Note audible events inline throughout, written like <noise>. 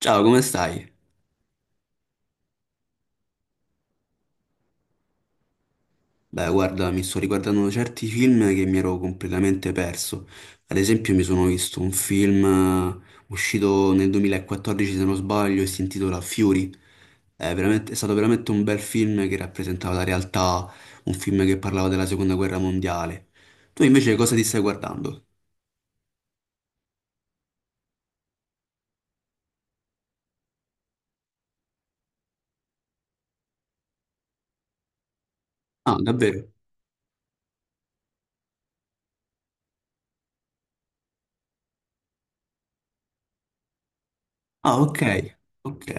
Ciao, come stai? Beh, guarda, mi sto riguardando certi film che mi ero completamente perso. Ad esempio, mi sono visto un film uscito nel 2014, se non sbaglio, e si intitola Fury. È stato veramente un bel film che rappresentava la realtà, un film che parlava della Seconda Guerra Mondiale. Tu invece cosa ti stai guardando? Ah, davvero? Ah, ok, ok.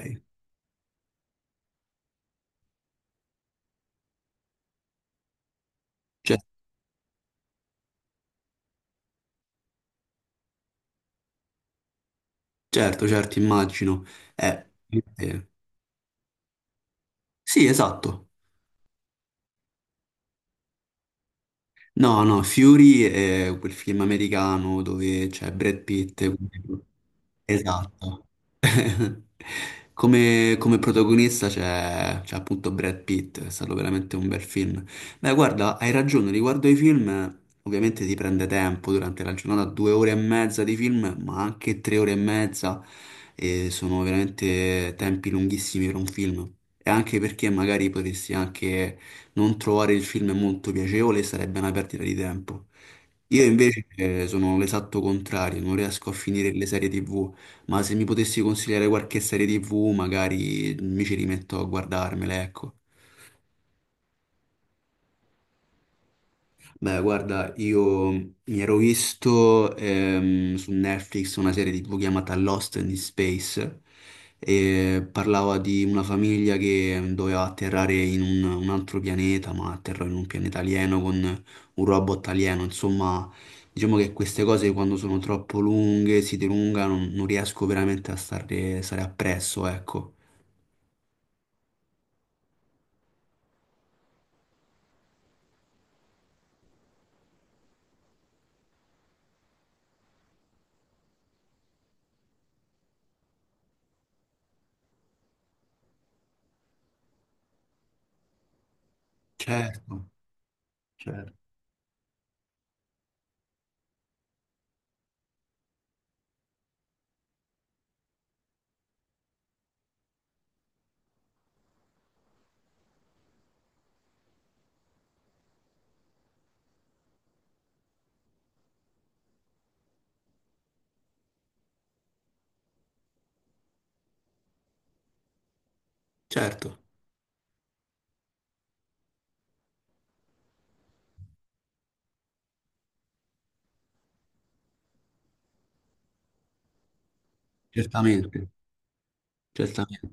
Cer- certo, certo, immagino. Eh, eh, sì, esatto. No, no, Fury è quel film americano dove c'è Brad Pitt. Esatto. <laughs> Come protagonista c'è appunto Brad Pitt, è stato veramente un bel film. Beh, guarda, hai ragione, riguardo ai film, ovviamente si prende tempo durante la giornata, due ore e mezza di film, ma anche tre ore e mezza, e sono veramente tempi lunghissimi per un film. E anche perché magari potresti anche non trovare il film molto piacevole, sarebbe una perdita di tempo. Io invece sono l'esatto contrario, non riesco a finire le serie TV. Ma se mi potessi consigliare qualche serie TV, magari mi ci rimetto a guardarmela, ecco. Beh, guarda, io mi ero visto su Netflix una serie TV chiamata Lost in Space e parlava di una famiglia che doveva atterrare in un altro pianeta, ma atterrò in un pianeta alieno con un robot alieno. Insomma, diciamo che queste cose quando sono troppo lunghe, si dilungano, non riesco veramente a stare appresso, ecco. Certo. Certo, certo, certamente, certamente,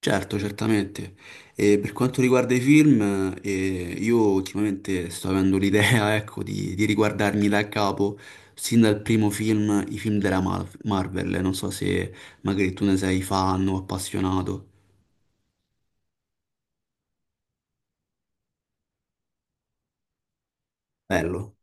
certo, certamente. E per quanto riguarda i film, io ultimamente sto avendo l'idea, <laughs> ecco, di riguardarmi da capo, sin dal primo film, i film della Marvel. Non so se magari tu ne sei fan o appassionato. Bello,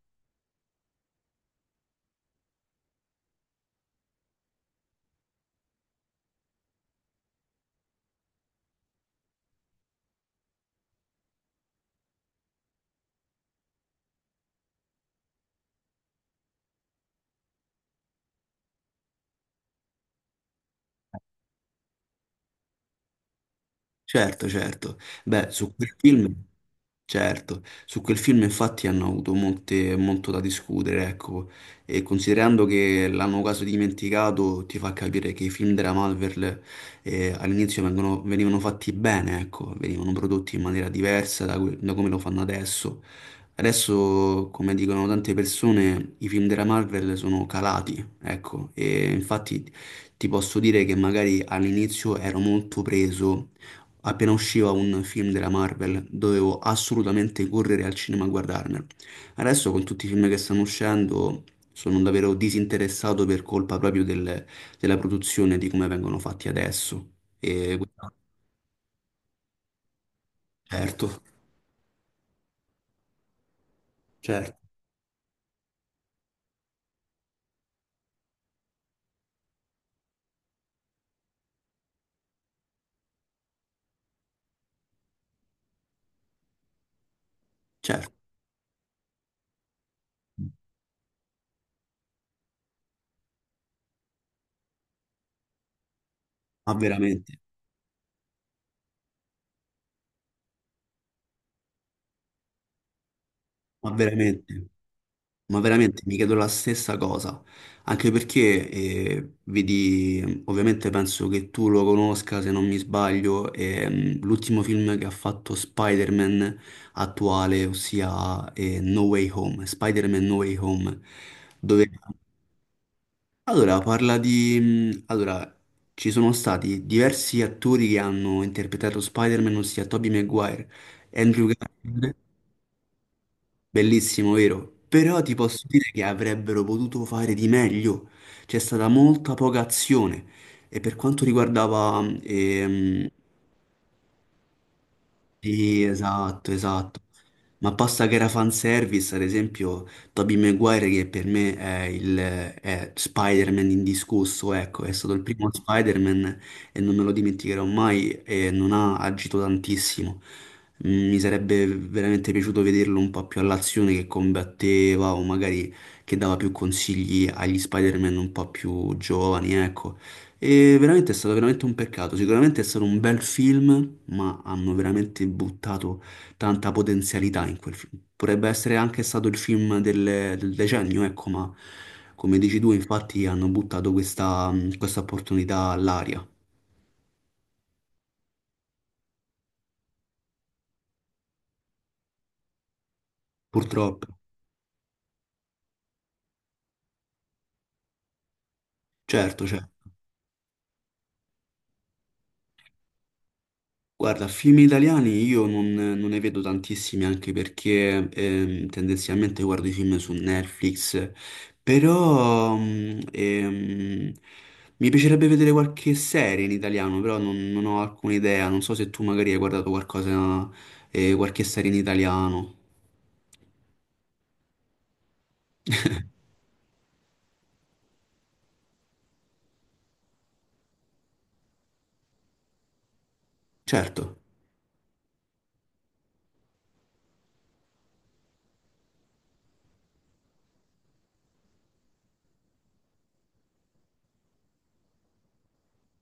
certo, certo. Beh, su quel film. Certo, su quel film infatti hanno avuto molto da discutere, ecco, e considerando che l'hanno quasi dimenticato, ti fa capire che i film della Marvel all'inizio venivano fatti bene, ecco, venivano prodotti in maniera diversa da, da come lo fanno adesso. Adesso, come dicono tante persone, i film della Marvel sono calati, ecco, e infatti ti posso dire che magari all'inizio ero molto preso. Appena usciva un film della Marvel, dovevo assolutamente correre al cinema a guardarmelo. Adesso con tutti i film che stanno uscendo sono davvero disinteressato per colpa proprio della produzione, di come vengono fatti adesso. E, certo, certo, certo, ma veramente, ma veramente. Ma veramente mi chiedo la stessa cosa, anche perché vedi, ovviamente penso che tu lo conosca se non mi sbaglio, l'ultimo film che ha fatto Spider-Man attuale, ossia No Way Home, Spider-Man No Way Home, dove allora parla di... Allora, ci sono stati diversi attori che hanno interpretato Spider-Man, ossia Tobey Maguire, Andrew Garfield. Bellissimo, vero? Però ti posso dire che avrebbero potuto fare di meglio. C'è stata molta poca azione. E per quanto riguardava sì, esatto, esatto. Ma posta che era fanservice, ad esempio, Tobey Maguire, che per me è Spider-Man indiscusso, ecco, è stato il primo Spider-Man e non me lo dimenticherò mai e non ha agito tantissimo. Mi sarebbe veramente piaciuto vederlo un po' più all'azione che combatteva o magari che dava più consigli agli Spider-Man un po' più giovani, ecco. E veramente è stato veramente un peccato. Sicuramente è stato un bel film, ma hanno veramente buttato tanta potenzialità in quel film. Potrebbe essere anche stato il film del decennio, ecco, ma come dici tu, infatti hanno buttato questa opportunità all'aria. Purtroppo. Certo, certo. Guarda, film italiani io non ne vedo tantissimi anche perché tendenzialmente guardo i film su Netflix, però mi piacerebbe vedere qualche serie in italiano, però non ho alcuna idea, non so se tu magari hai guardato qualcosa, qualche serie in italiano. Certo.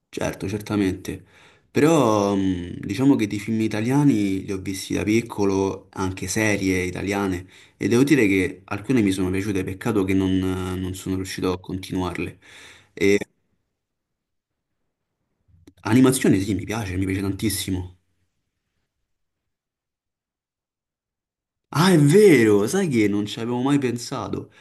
Certo, certamente. Però diciamo che di film italiani li ho visti da piccolo, anche serie italiane, e devo dire che alcune mi sono piaciute, peccato che non sono riuscito a continuarle. Animazione sì, mi piace tantissimo. Ah, è vero, sai che non ci avevo mai pensato.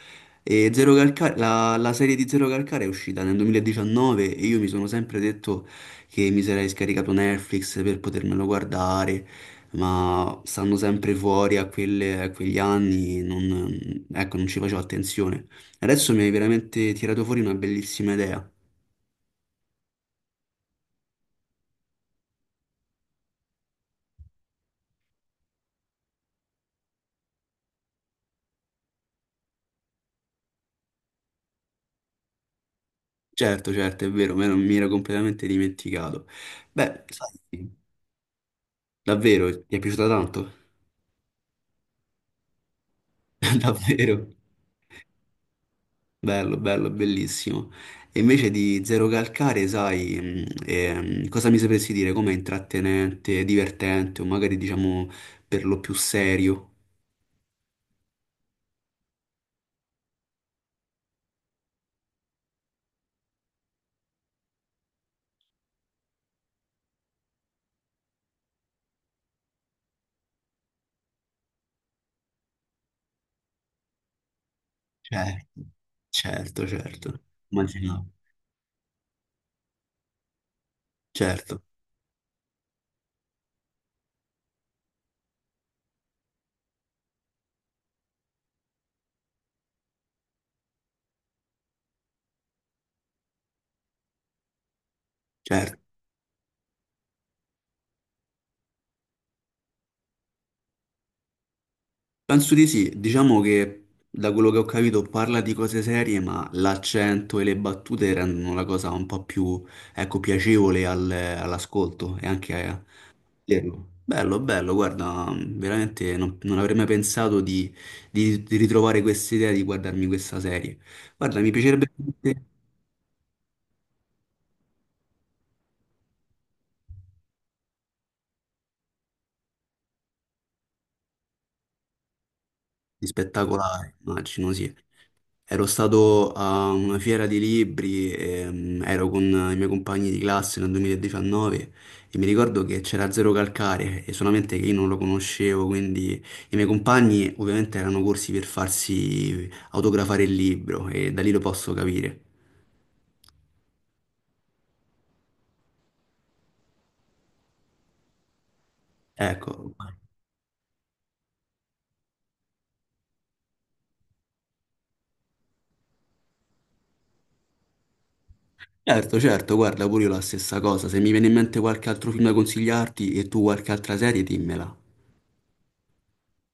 E Zero Calcare, la serie di Zero Calcare è uscita nel 2019 e io mi sono sempre detto che mi sarei scaricato Netflix per potermelo guardare, ma stando sempre fuori a, a quegli anni non, ecco, non ci facevo attenzione. Adesso mi hai veramente tirato fuori una bellissima idea. Certo, certo, è vero, me non- mi ero completamente dimenticato. Beh, sai, davvero, ti è piaciuta tanto? <laughs> Davvero. Bello, bello, bellissimo. E invece di Zero Calcare, sai, cosa mi sapresti dire? Com'è intrattenente, divertente o magari diciamo per lo più serio? Certo, certo, certo. Immaginavo. Certo, certo. Penso di sì, diciamo che da quello che ho capito parla di cose serie, ma l'accento e le battute rendono la cosa un po' più, ecco, piacevole all'ascolto e anche a- Vero. Bello, bello, guarda, veramente non avrei mai pensato di ritrovare questa idea di guardarmi questa serie. Guarda, mi piacerebbe veramente- di spettacolare, immagino, sì. Ero stato a una fiera di libri, ero con i miei compagni di classe nel 2019 e mi ricordo che c'era Zero Calcare e solamente che io non lo conoscevo, quindi i miei compagni ovviamente erano corsi per farsi autografare il libro e da lì lo posso capire. Ecco. Certo, certo, guarda, pure io la stessa cosa. Se mi viene in mente qualche altro film da consigliarti e tu qualche altra serie, dimmela.